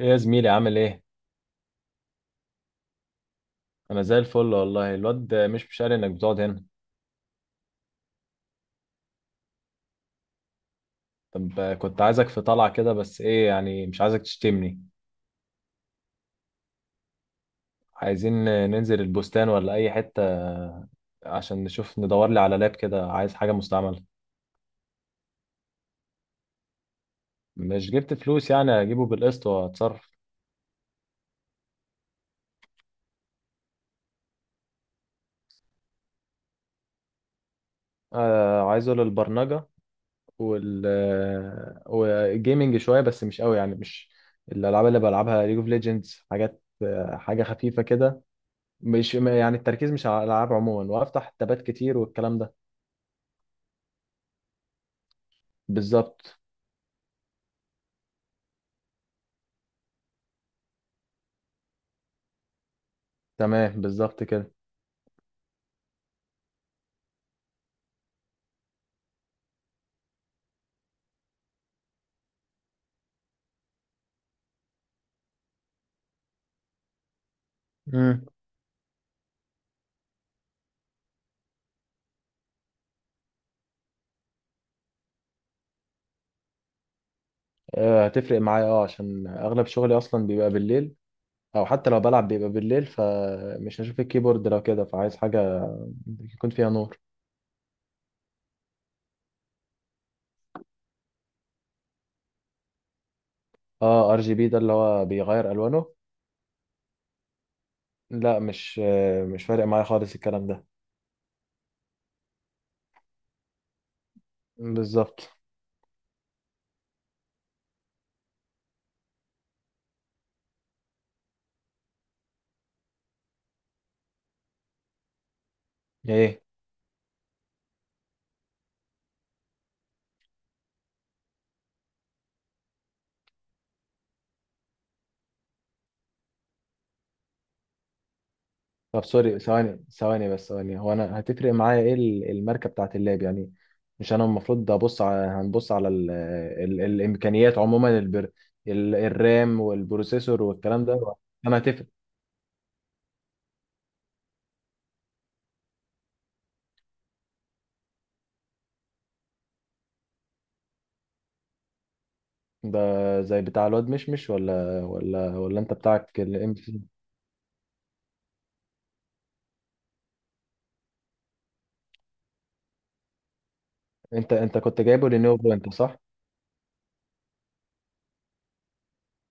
ايه يا زميلي عامل ايه؟ انا زي الفل والله. الواد مش قال انك بتقعد هنا. طب كنت عايزك في طلعة كده، بس ايه يعني، مش عايزك تشتمني. عايزين ننزل البستان ولا اي حتة، عشان نشوف ندور لي على لاب كده، عايز حاجة مستعملة. مش جبت فلوس، يعني اجيبه بالقسط واتصرف. آه، عايزه للبرمجة وال والجيمنج شوية، بس مش قوي يعني، مش الالعاب اللي بلعبها ليج اوف ليجندز، حاجات حاجة خفيفة كده. مش ما- يعني التركيز مش على الالعاب عموما، وافتح تابات كتير والكلام ده. بالظبط. تمام، بالظبط كده. امم. هتفرق معايا، اه، عشان اغلب شغلي اصلا بيبقى بالليل، او حتى لو بلعب بيبقى بالليل، فمش هشوف الكيبورد لو كده، فعايز حاجه يكون فيها نور. اه، ار جي بي ده اللي هو بيغير الوانه. لا، مش فارق معايا خالص الكلام ده. بالظبط. ايه؟ طب سوري، ثواني بس، هو انا هتفرق معايا ايه الماركه بتاعت اللاب يعني؟ مش انا المفروض ابص على، هنبص على ال الامكانيات عموما، ال الرام والبروسيسور والكلام ده؟ انا هتفرق ده زي بتاع الواد مشمش ولا انت بتاعك الام سي؟ انت كنت جايبه لينوفو انت، صح؟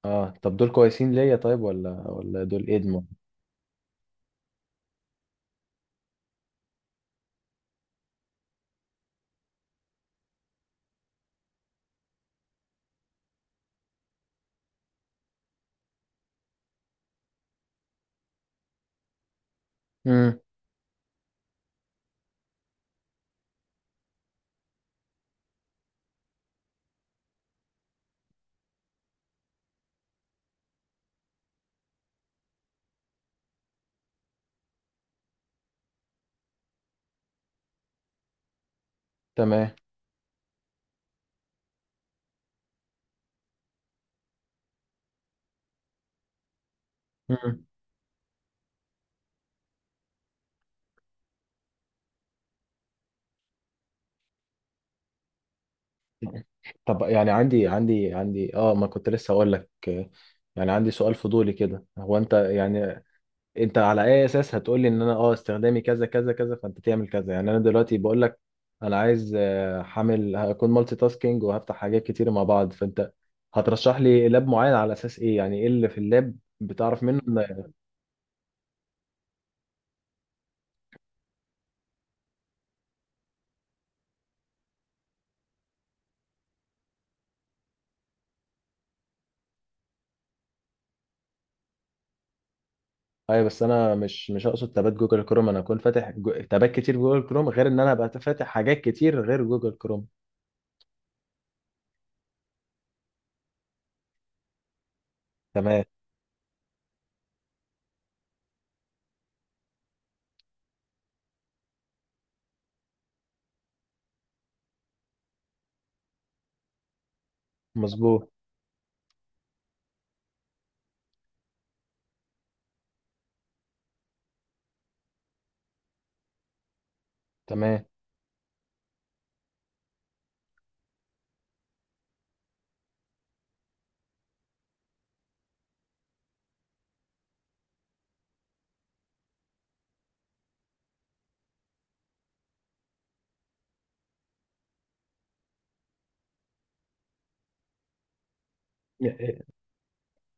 اه، طب دول كويسين ليا طيب ولا دول ادمو؟ امم. تمام. مم. طب يعني، عندي اه، ما كنت لسه هقول لك، يعني عندي سؤال فضولي كده، هو انت يعني، انت على اي اساس هتقول لي ان انا، اه، استخدامي كذا كذا كذا، فانت تعمل كذا؟ يعني انا دلوقتي بقول لك انا عايز، حامل هكون مالتي تاسكينج وهفتح حاجات كتير مع بعض، فانت هترشح لي لاب معين على اساس ايه يعني؟ ايه اللي في اللاب بتعرف منه ان... ايوه، بس انا مش اقصد تابات جوجل كروم، انا هكون فاتح تابات كتير في جوجل كروم، غير ان انا ابقى فاتح حاجات كتير غير جوجل كروم. تمام. مظبوط. تمام.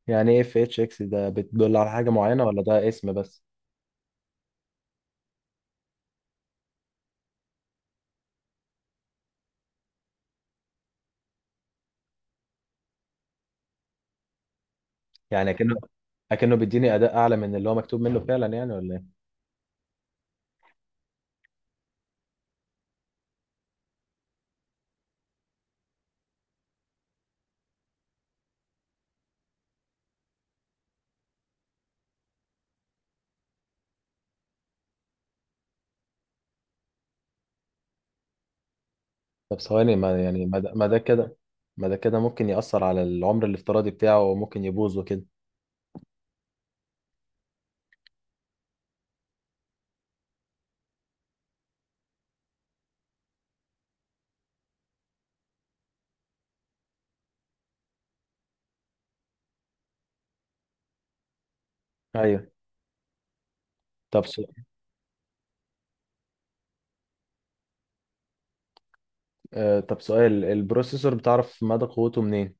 يعني ايه اف اتش اكس ده؟ بتدل على حاجه معينه ولا ده اسم بس؟ يعني اكنه، اكنه بيديني اداء اعلى من اللي هو مكتوب منه فعلا يعني، ولا ايه؟ طب ثواني، ما يعني، ما ده كده، ما ده كده ممكن ياثر على العمر الافتراضي بتاعه وممكن يبوظ وكده. ايوه. طب سؤال. آه، طب سؤال، البروسيسور بتعرف مدى قوته منين؟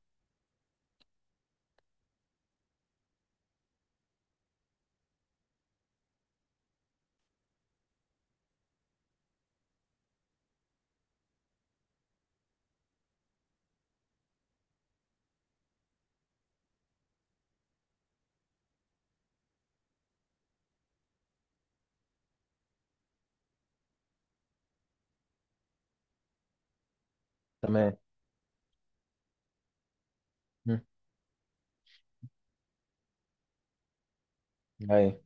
تمام. مم. ايوه.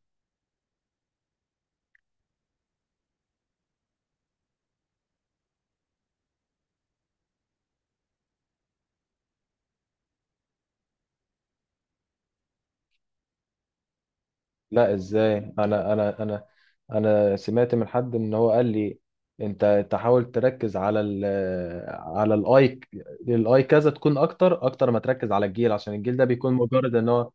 لا، ازاي؟ انا انا سمعت من حد، ان هو قال لي انت تحاول تركز على الاي، الاي كذا، تكون اكتر، اكتر ما تركز على الجيل، عشان الجيل ده بيكون مجرد ان هو...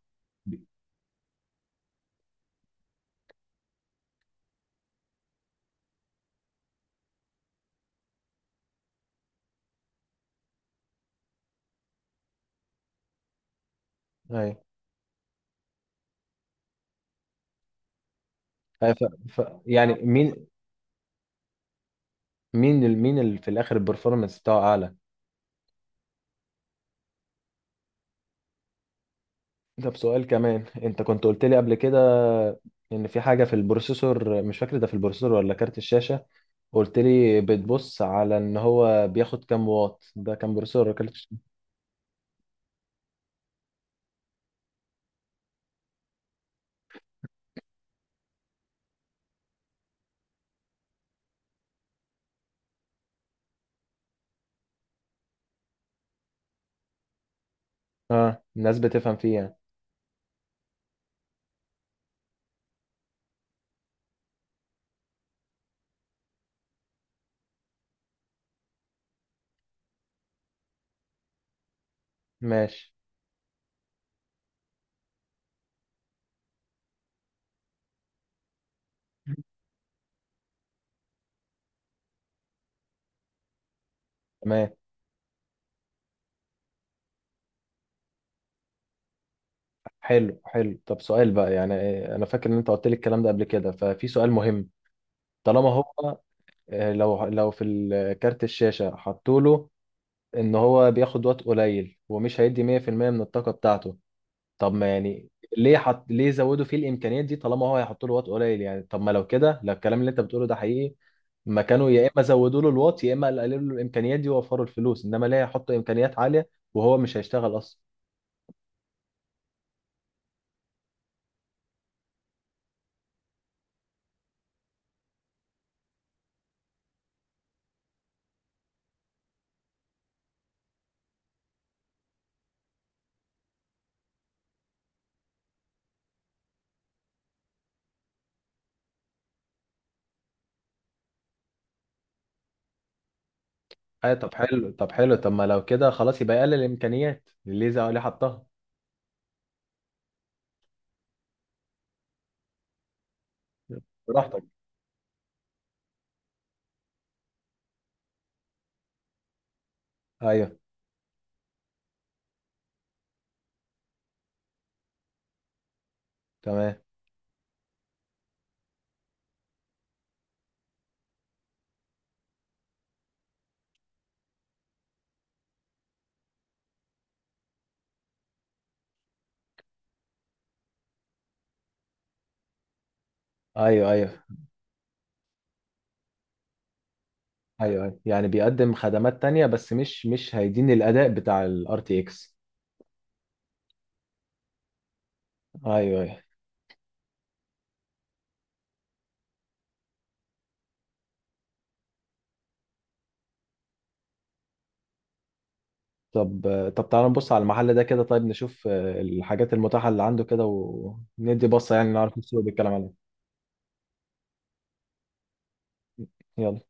اي. أي ف... يعني مين، مين اللي في الاخر البرفورمانس بتاعه اعلى؟ ده بسؤال كمان، انت كنت قلت لي قبل كده ان في حاجه في البروسيسور، مش فاكر ده في البروسيسور ولا كارت الشاشه، قلت لي بتبص على ان هو بياخد كام واط، ده كان بروسيسور ولا كارت؟ اه، الناس بتفهم فيه يعني. ماشي. تمام. حلو، حلو. طب سؤال بقى، يعني إيه، انا فاكر ان انت قلت لي الكلام ده قبل كده، ففي سؤال مهم. طالما هو، لو في كارت الشاشة حطوا له ان هو بياخد وقت قليل ومش هيدي 100% من الطاقة بتاعته، طب ما يعني ليه حط، ليه زودوا فيه الامكانيات دي طالما هو هيحطوا له وقت قليل؟ يعني طب ما، لو كده، لو الكلام اللي انت بتقوله ده حقيقي، ما كانوا يا اما زودوا له الواط، يا اما قللوا له الامكانيات دي ووفروا الفلوس، انما ليه يحطوا امكانيات عالية وهو مش هيشتغل اصلا؟ اي. طب حلو، طب ما لو كده خلاص يبقى يقلل الامكانيات الليزا اللي حطها. براحتك. ايوه. تمام. ايوه ايوه. ايوه، يعني بيقدم خدمات تانية، بس مش هيديني الاداء بتاع الار تي اكس. ايوه ايوه. طب طب تعالى نبص على المحل ده كده، طيب، نشوف الحاجات المتاحة اللي عنده كده، وندي بصة يعني، نعرف السوق بيتكلم عليه. يلا.